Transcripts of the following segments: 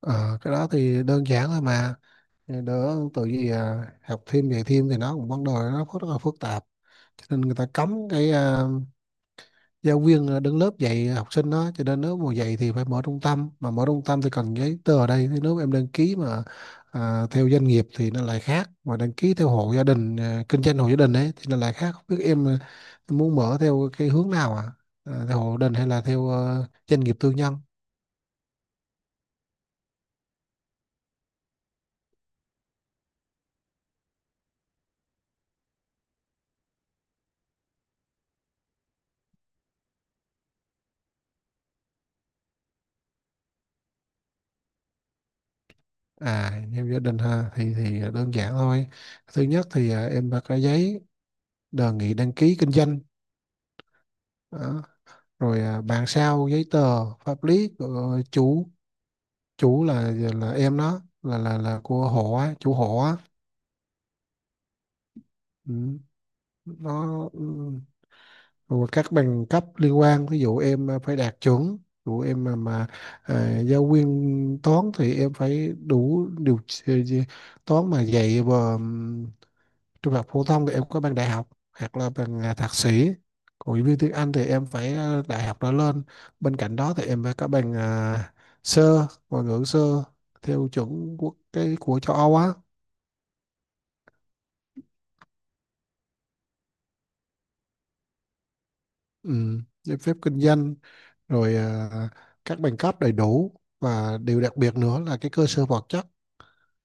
Ờ, cái đó thì đơn giản thôi mà. Thì đỡ tự gì học thêm dạy thêm thì nó cũng vấn đề nó rất là phức tạp, cho nên người ta cấm cái giáo viên đứng lớp dạy học sinh đó, cho nên nếu mà dạy thì phải mở trung tâm, mà mở trung tâm thì cần giấy tờ ở đây. Thế nếu em đăng ký mà theo doanh nghiệp thì nó lại khác, mà đăng ký theo hộ gia đình, kinh doanh hộ gia đình ấy thì nó lại khác. Không biết em, em muốn mở theo cái hướng nào, à theo hộ gia đình hay là theo doanh nghiệp tư nhân? À, theo gia đình ha thì đơn giản thôi. Thứ nhất thì em phải có giấy đề nghị đăng ký kinh doanh đó. Rồi bàn sao giấy tờ pháp lý của chủ chủ là em đó, là là của hộ á, chủ hộ á. Ừ. Nó ừ. Rồi các bằng cấp liên quan, ví dụ em phải đạt chuẩn. Ví dụ em mà giáo viên toán thì em phải đủ điều toán mà dạy, và trung học phổ thông thì em có bằng đại học hoặc là bằng thạc sĩ. Còn giáo viên tiếng Anh thì em phải đại học trở lên. Bên cạnh đó thì em phải có bằng sơ ngoại ngữ sơ, theo chuẩn quốc cái của châu Âu á. Ừ, giấy phép kinh doanh, rồi các bằng cấp đầy đủ, và điều đặc biệt nữa là cái cơ sở vật chất,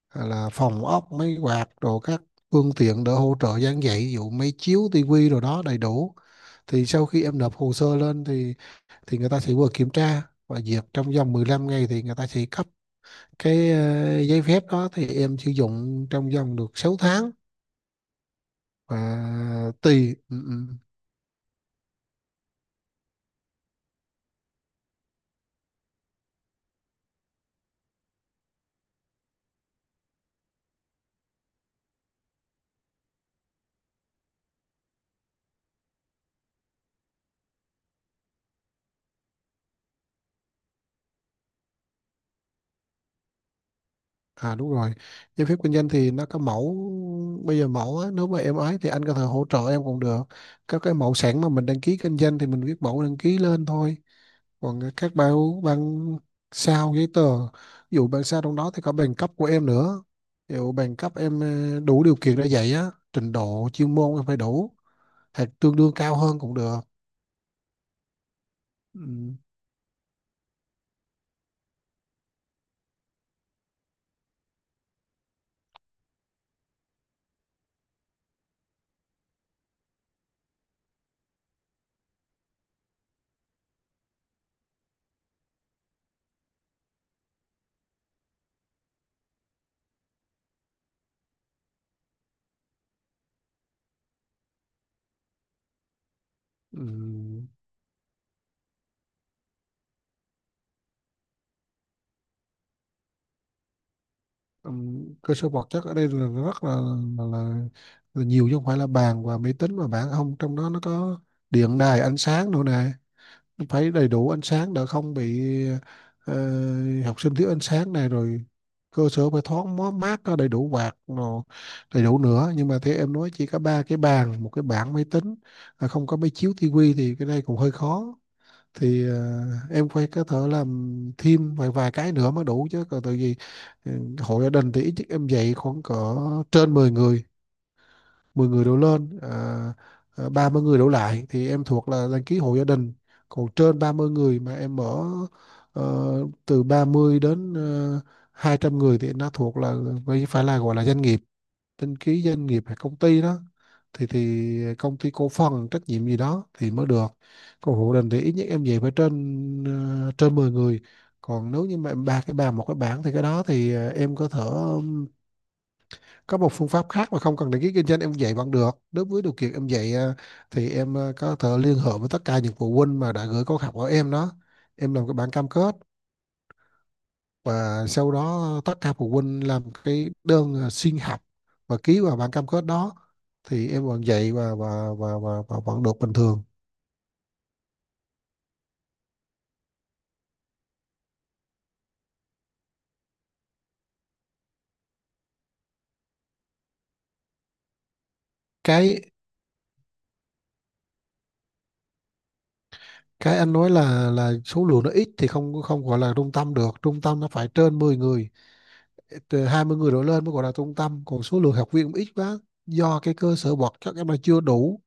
là phòng ốc máy quạt, rồi các phương tiện để hỗ trợ giảng dạy ví dụ máy chiếu tivi rồi đó đầy đủ. Thì sau khi em nộp hồ sơ lên thì người ta sẽ vừa kiểm tra và duyệt, trong vòng 15 ngày thì người ta sẽ cấp cái giấy phép đó, thì em sử dụng trong vòng được 6 tháng. Và tùy ừ, ừ. À đúng rồi, giấy phép kinh doanh thì nó có mẫu, bây giờ mẫu á, nếu mà em ấy thì anh có thể hỗ trợ em cũng được. Các cái mẫu sẵn mà mình đăng ký kinh doanh thì mình viết mẫu đăng ký lên thôi. Còn cái các bạn bạn sao giấy tờ, ví dụ bạn sao trong đó thì có bằng cấp của em nữa. Nếu bằng cấp em đủ điều kiện để dạy á, trình độ chuyên môn em phải đủ hoặc tương đương cao hơn cũng được. Ừm, ừm, cơ sở vật chất ở đây là rất là, là, là nhiều, chứ không phải là bàn và máy tính, mà bạn không trong đó nó có điện đài ánh sáng nữa nè, phải đầy đủ ánh sáng để không bị ờ, học sinh thiếu ánh sáng này, rồi cơ sở phải mát, có đầy đủ quạt nó đầy đủ nữa. Nhưng mà thế em nói chỉ có ba cái bàn một cái bảng máy tính, không có máy chiếu tivi thì cái này cũng hơi khó. Thì em phải có thể làm thêm vài vài cái nữa mới đủ, chứ còn tại vì ừ, hội gia đình thì ít nhất em dạy khoảng cỡ trên 10 người, 10 người đổ lên à, 30 người đổ lại thì em thuộc là đăng ký hộ gia đình. Còn trên 30 người mà em mở ờ, từ 30 đến 200 người thì nó thuộc là phải phải là gọi là doanh nghiệp, đăng ký doanh nghiệp hay công ty đó, thì công ty cổ phần trách nhiệm gì đó thì mới được. Còn hộ gia đình thì ít nhất em về phải trên trên 10 người. Còn nếu như mà em ba cái bàn một cái bảng thì cái đó thì em có thể có một phương pháp khác mà không cần đăng ký kinh doanh, em dạy vẫn được, nếu với điều kiện em dạy thì em có thể liên hệ với tất cả những phụ huynh mà đã gửi con học ở em đó, em làm cái bản cam kết, và sau đó tất cả phụ huynh làm cái đơn xin học và ký vào bản cam kết đó, thì em vẫn dạy và vẫn được bình thường. cái cái anh nói là số lượng nó ít thì không không gọi là trung tâm được, trung tâm nó phải trên 10 người, từ 20 người đổ lên mới gọi là trung tâm. Còn số lượng học viên cũng ít quá, do cái cơ sở vật chất em là chưa đủ,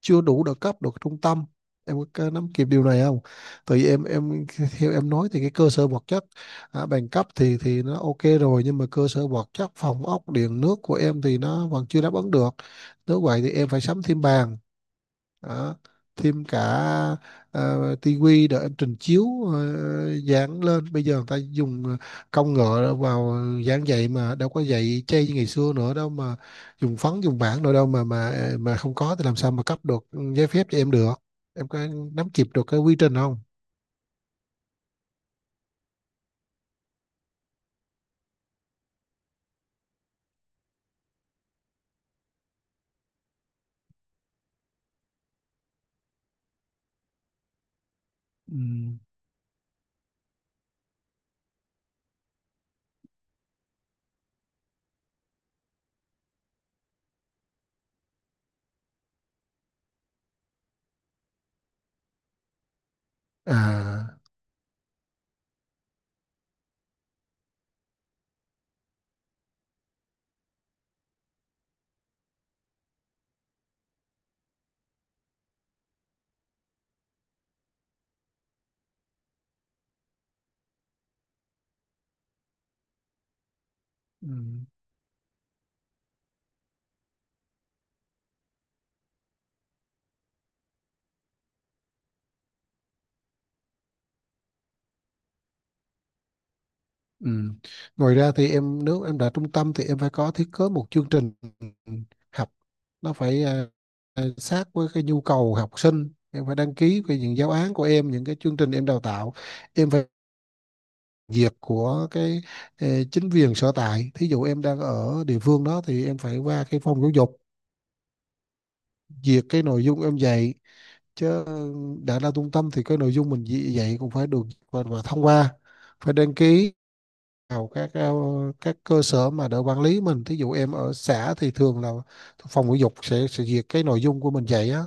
chưa đủ được cấp được trung tâm. Em có nắm kịp điều này không? Tại vì em theo em nói thì cái cơ sở vật chất bằng cấp thì nó ok rồi, nhưng mà cơ sở vật chất phòng ốc điện nước của em thì nó vẫn chưa đáp ứng được. Nếu vậy thì em phải sắm thêm bàn đó, thêm cả tivi để em trình chiếu, dán lên. Bây giờ người ta dùng công nghệ vào dán vậy, mà đâu có dạy chay như ngày xưa nữa đâu mà dùng phấn dùng bảng nữa đâu. Mà mà không có thì làm sao mà cấp được giấy phép cho em được. Em có nắm kịp được cái quy trình không? Ừ. À ừ. Ừ. Ngoài ra thì em nếu em đã trung tâm thì em phải có thiết kế một chương trình học, nó phải sát với cái nhu cầu học sinh. Em phải đăng ký về những giáo án của em, những cái chương trình em đào tạo, em phải duyệt của cái chính quyền sở tại. Thí dụ em đang ở địa phương đó thì em phải qua cái phòng giáo dục duyệt cái nội dung em dạy. Chứ đã là trung tâm thì cái nội dung mình dạy dạy cũng phải được và thông qua, phải đăng ký vào các các cơ sở mà đỡ quản lý mình. Thí dụ em ở xã thì thường là phòng giáo dục sẽ duyệt cái nội dung của mình dạy á,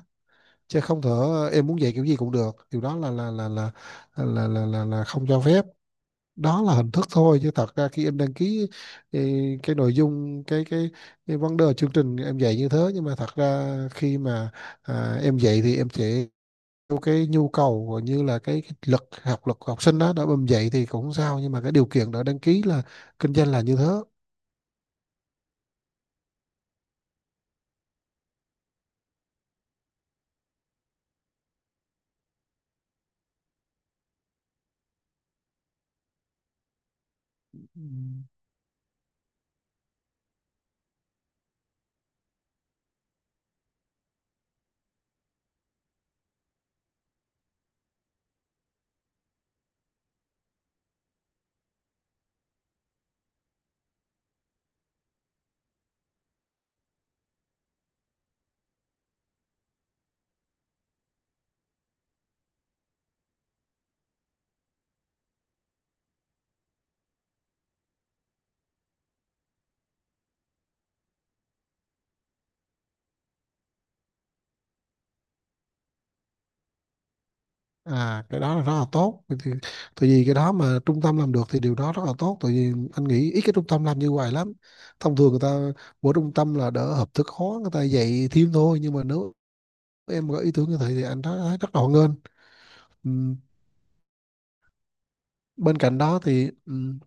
chứ không thể em muốn dạy kiểu gì cũng được, điều đó là, không cho phép. Đó là hình thức thôi, chứ thật ra khi em đăng ký ờ, cái nội dung cái vấn đề chương trình em dạy như thế, nhưng mà thật ra khi mà em dạy thì em sẽ theo cái nhu cầu cũng như là cái lực học lực của học sinh đó đã bầm dậy thì cũng không sao, nhưng mà cái điều kiện đã đăng ký là kinh doanh là như thế. Ừm, à cái đó là rất là tốt. Vậy thì tại vì cái đó mà trung tâm làm được thì điều đó rất là tốt, tại vì anh nghĩ ít cái trung tâm làm như vậy lắm. Thông thường người ta, mỗi trung tâm là đỡ hợp thức hóa người ta dạy thêm thôi, nhưng mà nếu em có ý tưởng như thế thì anh thấy thấy rất là hoan nghênh. Ừm, bên cạnh đó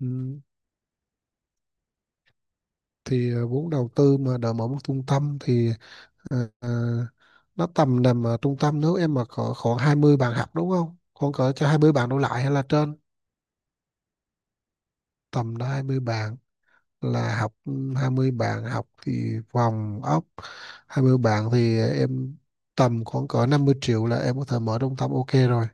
ừm, thì vốn đầu tư mà đỡ mở một trung tâm thì ờ, ờ, nó tầm nằm ở trung tâm nếu em mà có khoảng 20 bạn học đúng không? Khoảng cỡ cho 20 bạn đổ lại hay là trên tầm đó, 20 bạn là học ừ, 20 bạn học thì vòng ốc 20 bạn thì em tầm khoảng cỡ 50 triệu là em có thể mở trung tâm ok rồi.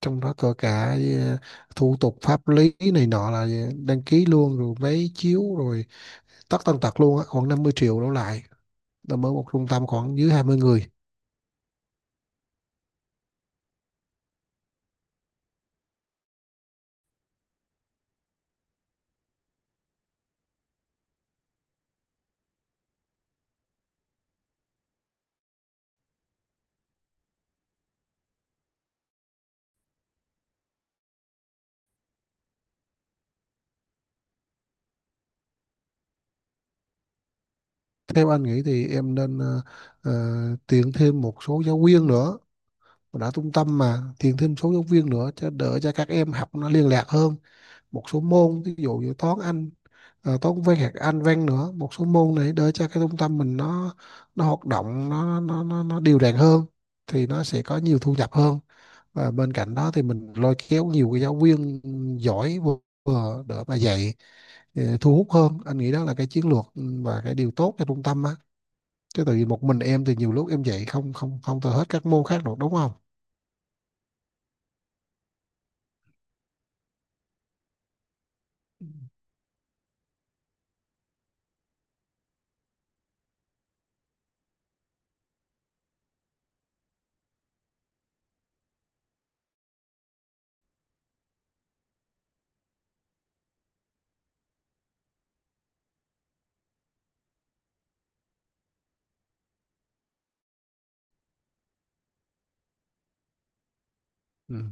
Trong đó có cả thủ tục pháp lý này nọ là đăng ký luôn, rồi máy chiếu rồi tất tần tật luôn á, khoảng 50 triệu đổ lại. Là mở một trung tâm khoảng dưới 20 người. Theo anh nghĩ thì em nên ờ, tuyển thêm một số giáo viên nữa. Đã trung tâm mà tuyển thêm số giáo viên nữa cho đỡ cho các em học nó liên lạc hơn, một số môn ví dụ như toán anh, toán văn hoặc anh văn nữa, một số môn này đỡ cho cái trung tâm mình nó hoạt động nó đều đặn hơn, thì nó sẽ có nhiều thu nhập hơn. Và bên cạnh đó thì mình lôi kéo nhiều cái giáo viên giỏi, vừa vừa đỡ mà dạy thu hút hơn. Anh nghĩ đó là cái chiến lược ừ, và cái điều tốt cho trung tâm á, chứ tại vì một mình em thì nhiều lúc em dạy không không không thể hết các môn khác được đúng không? Ừ.